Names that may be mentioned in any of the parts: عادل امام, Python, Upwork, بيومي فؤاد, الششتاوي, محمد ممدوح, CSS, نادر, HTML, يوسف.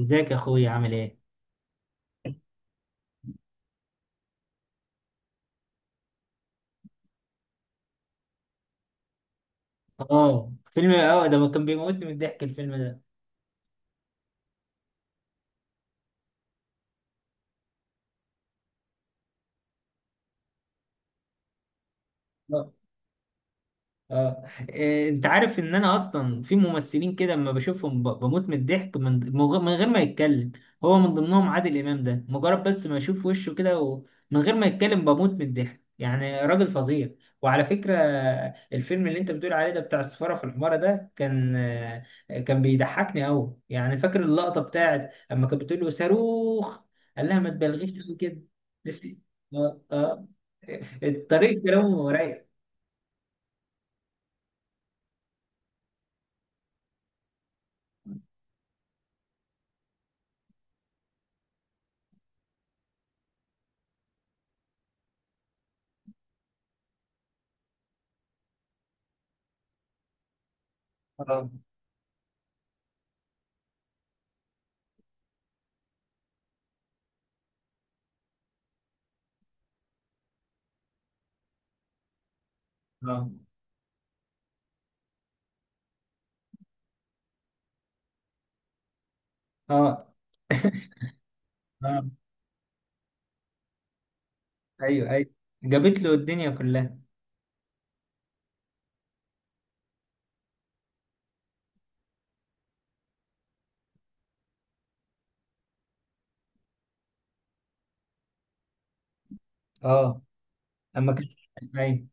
ازيك يا اخويا عامل ايه؟ اه فيلم. اه ده كان بيموتني من الضحك الفيلم ده. اه، انت عارف ان انا اصلا في ممثلين كده اما بشوفهم بموت من الضحك من من غير ما يتكلم. هو من ضمنهم عادل امام ده، مجرد بس ما اشوف وشه كده ومن غير ما يتكلم بموت من الضحك. يعني راجل فظيع. وعلى فكرة الفيلم اللي انت بتقول عليه ده بتاع السفارة في الحمارة ده كان بيضحكني قوي. يعني فاكر اللقطة بتاعت اما كانت بتقول له صاروخ، قال لها ما تبالغيش قوي كده. اه، اه. طريقة كلامه رايق. اه، اه، اه، اه. ايوه، ايوه، جابت له الدنيا كلها. اه، اما كان، ايوه،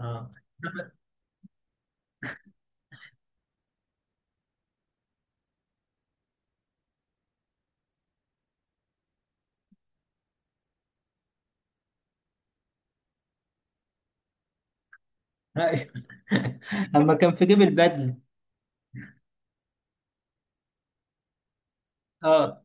اه، ايوه. اما كان في جيب البدله. اه،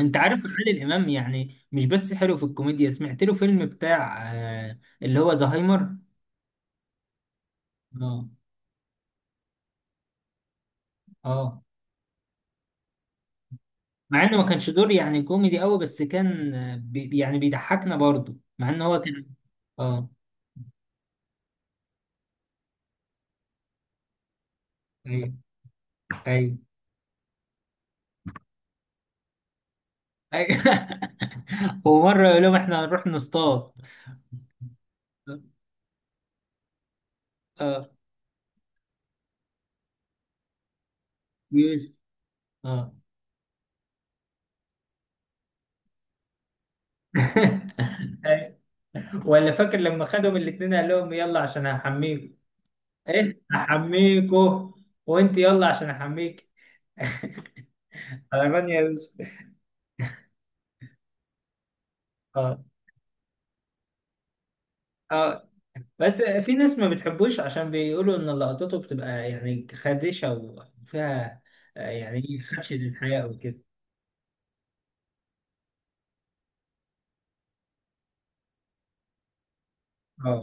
انت عارف عادل امام يعني مش بس حلو في الكوميديا، سمعت له فيلم بتاع اللي هو زهايمر. اه، اه، مع انه ما كانش دور يعني كوميدي قوي، بس كان، آه، بي يعني بيضحكنا برضه مع ان هو كان. اه، ايوه، ايوه، ايوه. ومره يقول لهم احنا هنروح نصطاد. اه، يوسف. اه. ولا فاكر لما خدهم الاتنين قال لهم يلا عشان هحميكوا؟ ايه هحميكوا؟ وانت يلا عشان احميك. غلبان يا يوسف. اه، اه. بس في ناس ما بتحبوش عشان بيقولوا ان لقطته بتبقى يعني خادشة وفيها يعني خدش للحياة وكده. اه،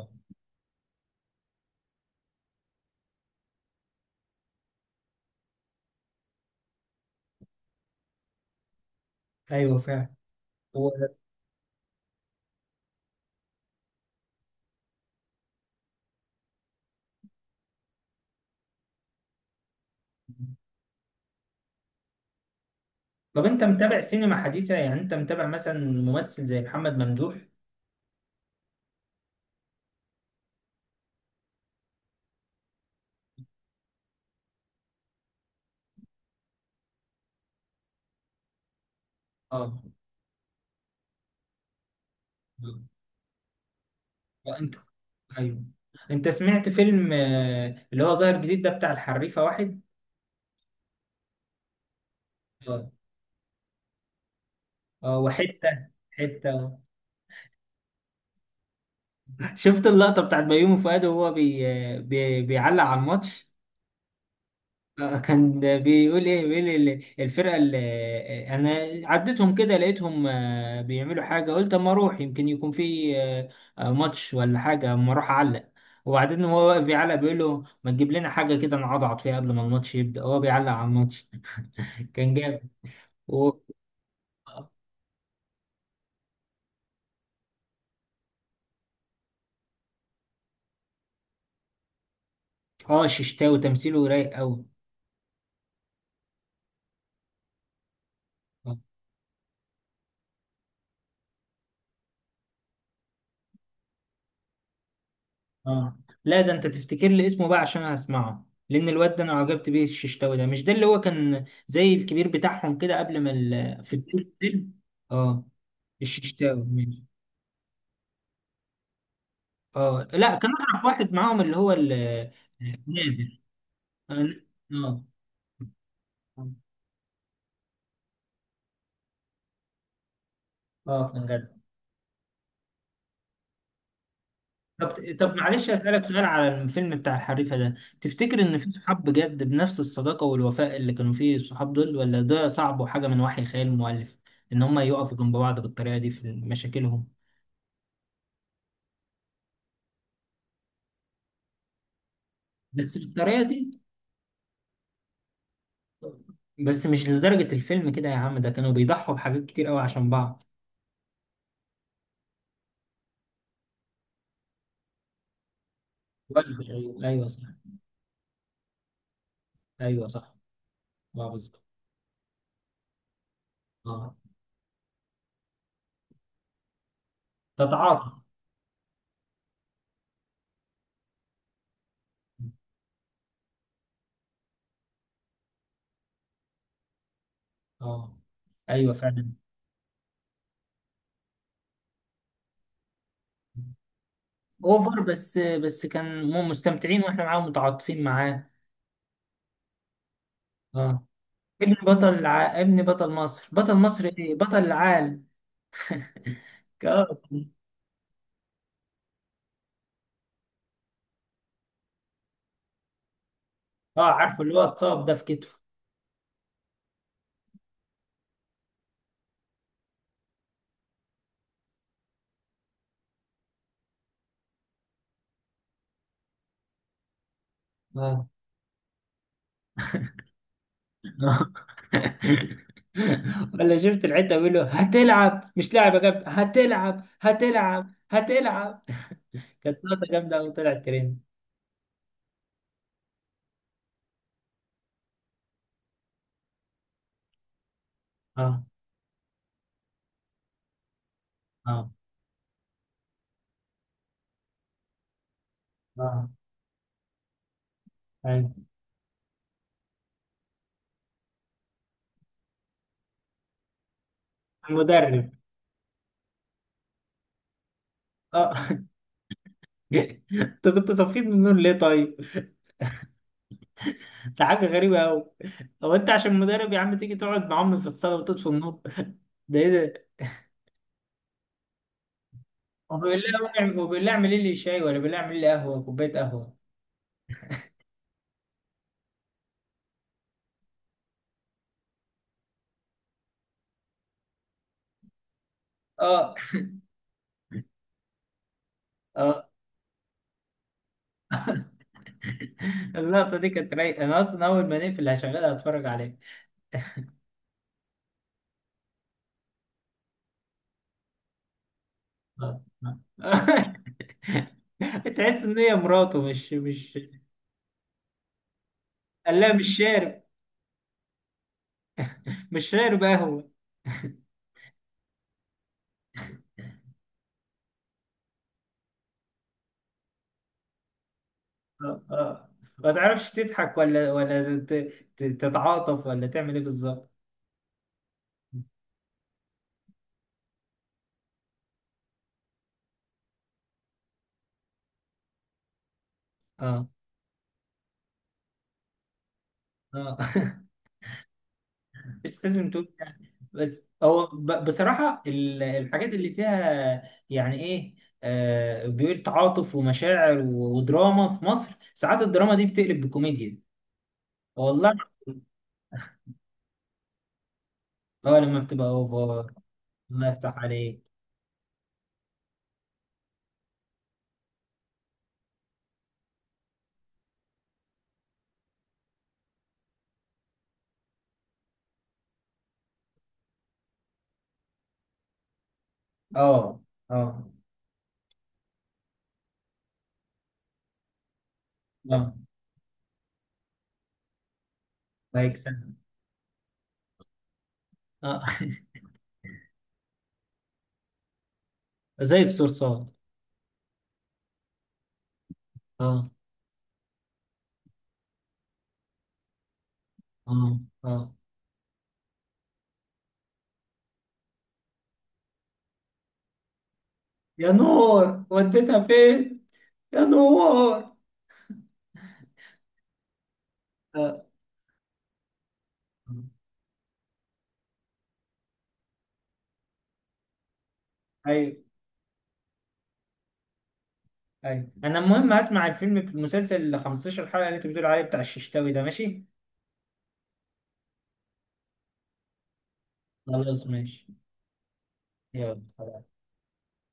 ايوه فعلا. و... طب انت متابع سينما حديثة؟ يعني انت متابع مثلا ممثل زي محمد ممدوح؟ اه. انت ايوه. انت سمعت فيلم اللي هو ظاهر جديد ده بتاع الحريفه واحد؟ اه، وحته آه. شفت اللقطه بتاعت بيومي فؤاد وهو بيعلق على الماتش؟ كان بيقول ايه، بيقول الفرقه اللي انا عديتهم كده لقيتهم بيعملوا حاجه، قلت اما اروح يمكن يكون في ماتش ولا حاجه، اما اروح اعلق. وبعدين هو واقف بيعلق، بيقول له ما تجيب لنا حاجه كده نعضعض فيها قبل ما الماتش يبدا، هو بيعلق على الماتش. كان جامد. اه، الششتاوي تمثيله رايق قوي. اه. آه. لا ده انت تفتكر لي اسمه بقى عشان هسمعه، لان الواد ده انا عجبت بيه. الششتاوي ده، مش ده اللي هو كان زي الكبير بتاعهم كده قبل ما في بداية الفيلم؟ اه، الششتاوي، ماشي. اه، لا كان اعرف واحد معاهم اللي هو ال... آه، نادر. اه. آه. كان جدع. طب معلش اسالك سؤال على الفيلم بتاع الحريفه ده؟ تفتكر ان في صحاب بجد بنفس الصداقه والوفاء اللي كانوا فيه الصحاب دول، ولا ده صعب وحاجه من وحي خيال المؤلف، ان هم يقفوا جنب بعض بالطريقه دي في مشاكلهم؟ بس بالطريقه دي؟ بس مش لدرجه الفيلم كده يا عم، ده كانوا بيضحوا بحاجات كتير قوي عشان بعض. ايوه، ايوه، صح. ايوه، صح. اه، بالظبط. اه، تتعاطى. اه، ايوه فعلا. اوفر، بس كان مستمتعين واحنا معاهم متعاطفين معاه. اه. ابن بطل مصر، بطل مصر ايه بطل العالم. اه، عارفه اللي هو اتصاب ده في كتفه. اه. ولا شفت الحته بيقول له هتلعب مش لاعب يا كابتن، هتلعب، هتلعب، هتلعب. كانت نقطه جامده قوي طلعت ترند. اه، اه، اه، ايوه، المدرب. اه. انت كنت طفيت من النور ليه طيب؟ ده حاجه غريبه قوي. هو انت عشان مدرب يا عم تيجي تقعد مع امي في الصاله وتطفي النور؟ ده ايه؟ وبالله اعمل لي شاي، ولا بالله اعمل لي قهوه، كوبايه قهوه. اه، اه. اللقطه دي كانت رايقه، انا اصلا اول ما نقفل هشغلها اتفرج عليها. آه. آه. تحس ان هي مراته مش قال لها مش شارب. مش شارب قهوه. اه، اه. ما تعرفش تضحك ولا تتعاطف، ولا تعمل ايه بالظبط. اه، اه. مش لازم تقول يعني، بس هو بصراحة الحاجات اللي فيها. يعني ايه بيقول تعاطف ومشاعر، ودراما في مصر ساعات الدراما دي بتقلب بكوميديا. والله. اه، لما بتبقى اوفر. الله يفتح عليك. اه، اه، اه، لايك سنة. اه. زي الصرصار. اه، اه، اه، يا نور وديتها فين، يا نور. اه. آه. ايوه، ايوه، انا المهم هسمع الفيلم، المسلسل ال 15 حلقه اللي انت بتقول عليه بتاع الششتاوي ده، ماشي. خلاص ماشي. يلا.